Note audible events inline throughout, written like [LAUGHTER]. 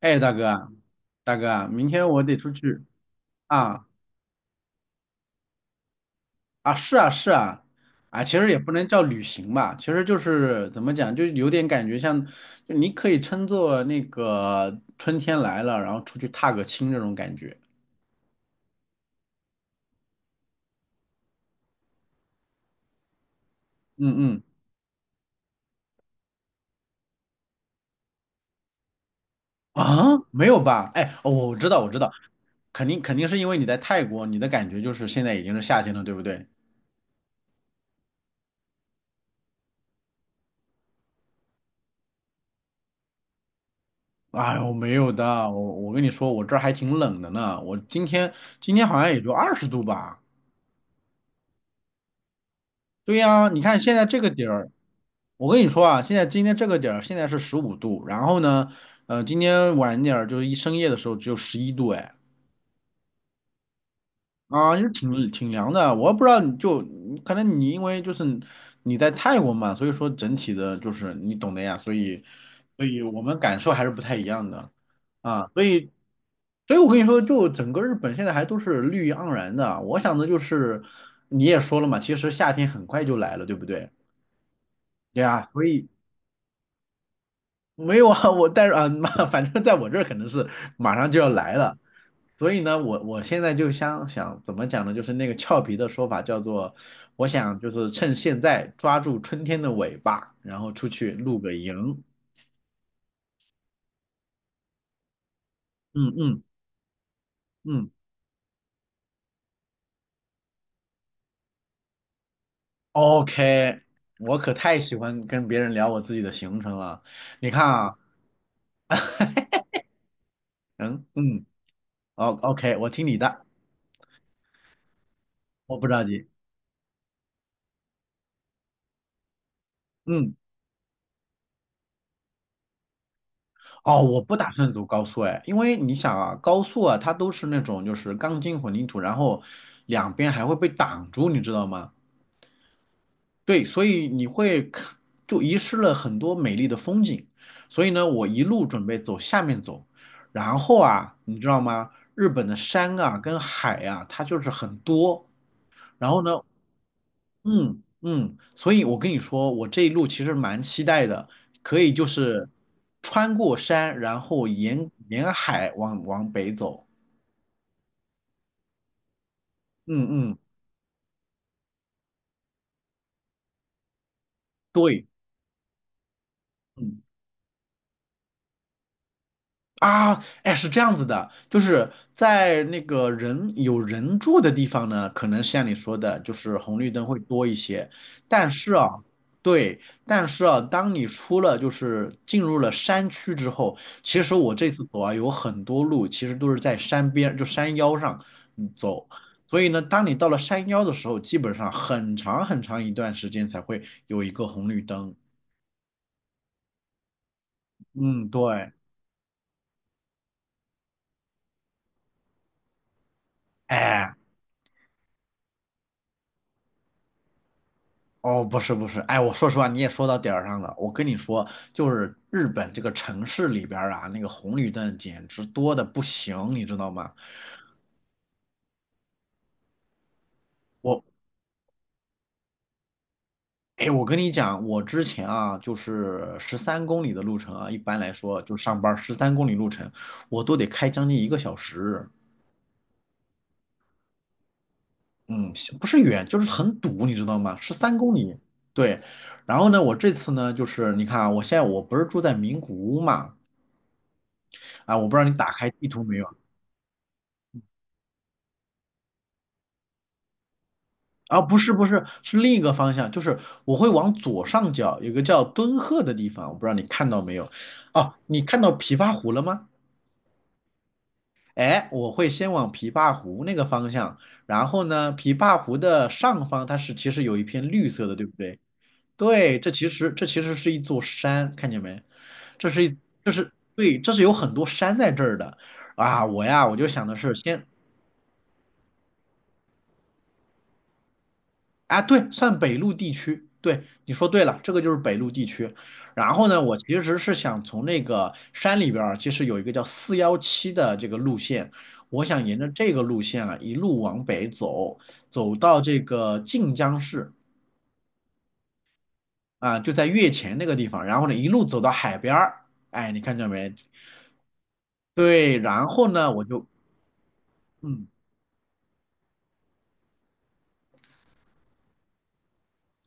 哎，大哥啊，明天我得出去。啊是啊是啊。啊，其实也不能叫旅行吧，其实就是怎么讲，就有点感觉像，就你可以称作那个春天来了，然后出去踏个青这种感觉。嗯嗯。啊，没有吧？哎，哦，我知道我知道。肯定肯定是因为你在泰国，你的感觉就是现在已经是夏天了，对不对？哎我没有的，我跟你说，我这儿还挺冷的呢，我今天好像也就20度吧。对呀，你看现在这个点儿，我跟你说啊，现在今天这个点儿现在是15度，然后呢，今天晚点儿就是一深夜的时候只有11度。哎，啊，就挺凉的。我不知道你就可能你因为就是你在泰国嘛，所以说整体的就是你懂的呀，所以我们感受还是不太一样的。啊，所以我跟你说，就整个日本现在还都是绿意盎然的。我想的就是你也说了嘛，其实夏天很快就来了，对不对？对呀，所以。[LAUGHS] 没有啊，我但是啊，[LAUGHS] 妈，反正在我这儿可能是马上就要来了。所以呢，我现在就想想怎么讲呢，就是那个俏皮的说法叫做，我想就是趁现在抓住春天的尾巴，然后出去露个营。嗯嗯嗯，OK，我可太喜欢跟别人聊我自己的行程了。你看啊。[LAUGHS] 嗯嗯，哦 OK，我听你的，我不着急。嗯。哦，我不打算走高速哎，因为你想啊，高速啊，它都是那种就是钢筋混凝土，然后两边还会被挡住，你知道吗？对，所以你会看就遗失了很多美丽的风景。所以呢，我一路准备走下面走，然后啊，你知道吗？日本的山啊跟海啊，它就是很多。然后呢，嗯嗯，所以我跟你说，我这一路其实蛮期待的，可以就是穿过山，然后沿海往北走。嗯嗯，对，嗯。啊，哎，是这样子的，就是在那个人有人住的地方呢，可能像你说的，就是红绿灯会多一些。但是啊，对，但是啊，当你出了就是进入了山区之后，其实我这次走啊，有很多路其实都是在山边，就山腰上嗯走。所以呢，当你到了山腰的时候，基本上很长很长一段时间才会有一个红绿灯。嗯，对，哎。哦，不是不是，哎，我说实话，你也说到点儿上了。我跟你说，就是日本这个城市里边儿啊，那个红绿灯简直多的不行，你知道吗？我，哎，我跟你讲，我之前啊，就是十三公里的路程啊，一般来说就上班十三公里路程，我都得开将近一个小时。嗯，不是远，就是很堵，你知道吗？十三公里。对，然后呢，我这次呢，就是你看啊，我现在我不是住在名古屋嘛，啊，我不知道你打开地图没有。啊，不是不是，是另一个方向，就是我会往左上角有个叫敦贺的地方，我不知道你看到没有？哦，你看到琵琶湖了吗？哎，我会先往琵琶湖那个方向，然后呢，琵琶湖的上方它是其实有一片绿色的，对不对？对，这其实是一座山，看见没？这是一这是对，这是有很多山在这儿的。啊！我呀，我就想的是先啊，对，算北陆地区。对，你说对了，这个就是北陆地区。然后呢，我其实是想从那个山里边儿，其实有一个叫四幺七的这个路线，我想沿着这个路线啊，一路往北走，走到这个晋江市啊，就在月前那个地方。然后呢，一路走到海边儿，哎，你看见没？对，然后呢，我就嗯。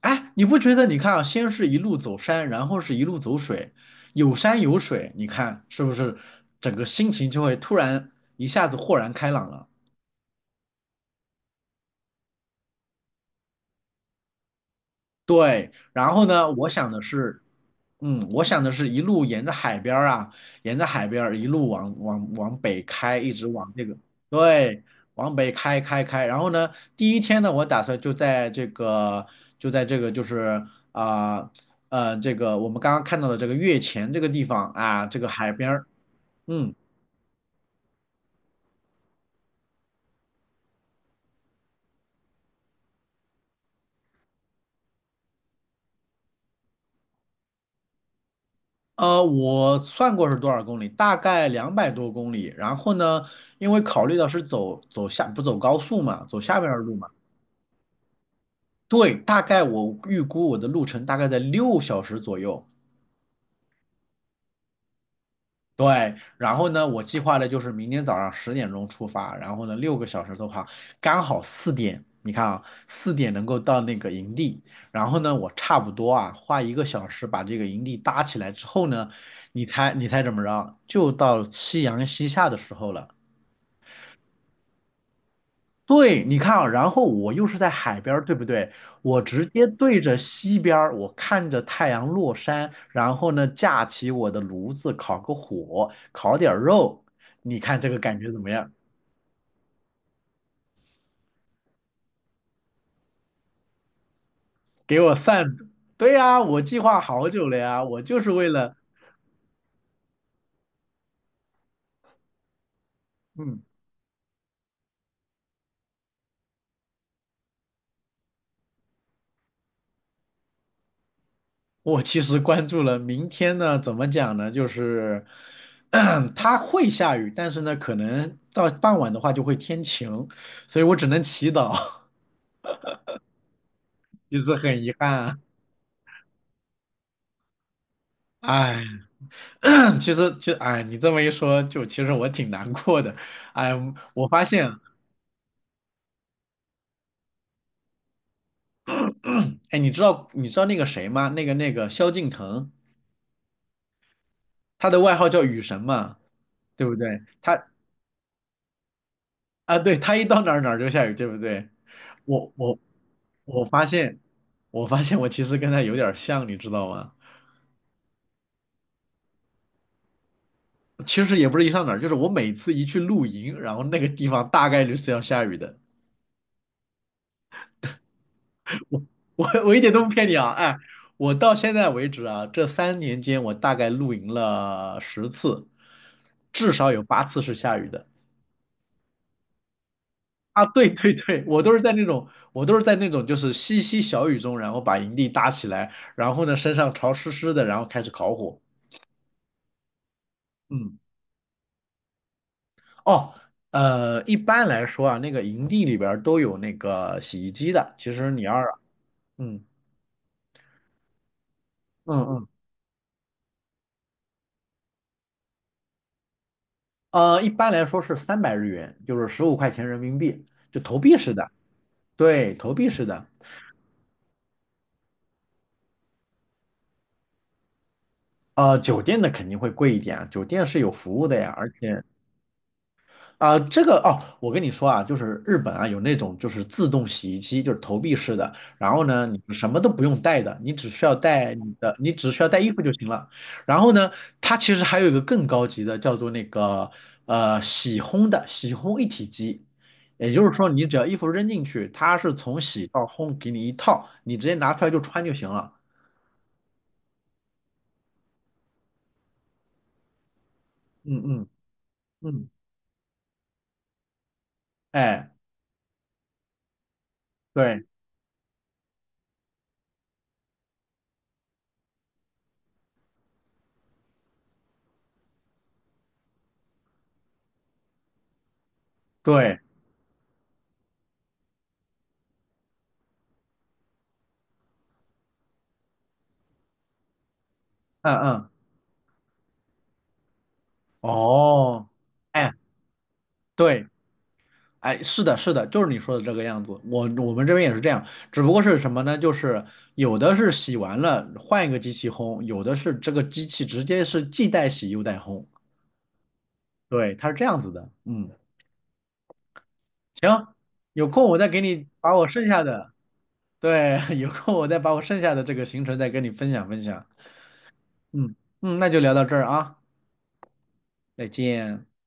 哎，你不觉得？你看啊，先是一路走山，然后是一路走水，有山有水，你看是不是整个心情就会突然一下子豁然开朗了？对，然后呢，我想的是，嗯，我想的是一路沿着海边儿啊，沿着海边儿一路往北开，一直往这个，对，往北开。然后呢，第一天呢，我打算就在这个就是啊这个我们刚刚看到的这个月前这个地方啊，这个海边儿。嗯。我算过是多少公里，大概200多公里。然后呢，因为考虑到是走下不走高速嘛，走下边儿的路嘛。对，大概我预估我的路程大概在6小时左右。对，然后呢，我计划的就是明天早上10点钟出发，然后呢，6个小时的话，刚好四点。你看啊，四点能够到那个营地，然后呢，我差不多啊，花一个小时把这个营地搭起来之后呢，你猜你猜怎么着？就到夕阳西下的时候了。对，你看啊，然后我又是在海边儿，对不对？我直接对着西边儿，我看着太阳落山，然后呢，架起我的炉子，烤个火，烤点儿肉，你看这个感觉怎么样？给我散，对呀，我计划好久了呀，我就是为了。嗯，我其实关注了明天呢，怎么讲呢？就是 [CLEARS THROAT] 它会下雨，但是呢，可能到傍晚的话就会天晴，所以我只能祈祷。[LAUGHS] 就是很遗憾啊。哎，[CLEARS THROAT] 其实就哎，你这么一说，就其实我挺难过的。哎，我发现。哎，你知道你知道那个谁吗？那个萧敬腾，他的外号叫雨神嘛，对不对？他啊，对，他一到哪儿哪儿就下雨，对不对？我我我发现，我发现我其实跟他有点儿像，你知道吗？其实也不是一上哪儿，就是我每次一去露营，然后那个地方大概率是要下雨的。[LAUGHS] 我我我一点都不骗你啊，哎，我到现在为止啊，这3年间我大概露营了10次，至少有8次是下雨的。啊，对对对，我都是在那种，我都是在那种就是淅淅小雨中，然后把营地搭起来，然后呢身上潮湿湿的，然后开始烤火。嗯，哦，一般来说啊，那个营地里边儿都有那个洗衣机的，其实你要是，嗯嗯嗯，一般来说是300日元，就是15块钱人民币，就投币式的。对，投币式的。酒店的肯定会贵一点啊，酒店是有服务的呀，而且啊、这个哦，我跟你说啊，就是日本啊有那种就是自动洗衣机，就是投币式的，然后呢，你什么都不用带的，你只需要带你的，你只需要带衣服就行了。然后呢，它其实还有一个更高级的，叫做那个洗烘一体机。也就是说，你只要衣服扔进去，它是从洗到烘给你一套，你直接拿出来就穿就行了。嗯嗯嗯，哎，对。对，嗯嗯，哦，哎，对，哎，是的，是的，就是你说的这个样子。我们这边也是这样，只不过是什么呢？就是有的是洗完了换一个机器烘，有的是这个机器直接是既带洗又带烘。对，它是这样子的。嗯，行，有空我再给你把我剩下的，对，[LAUGHS] 有空我再把我剩下的这个行程再跟你分享分享。嗯嗯，那就聊到这儿啊，再见。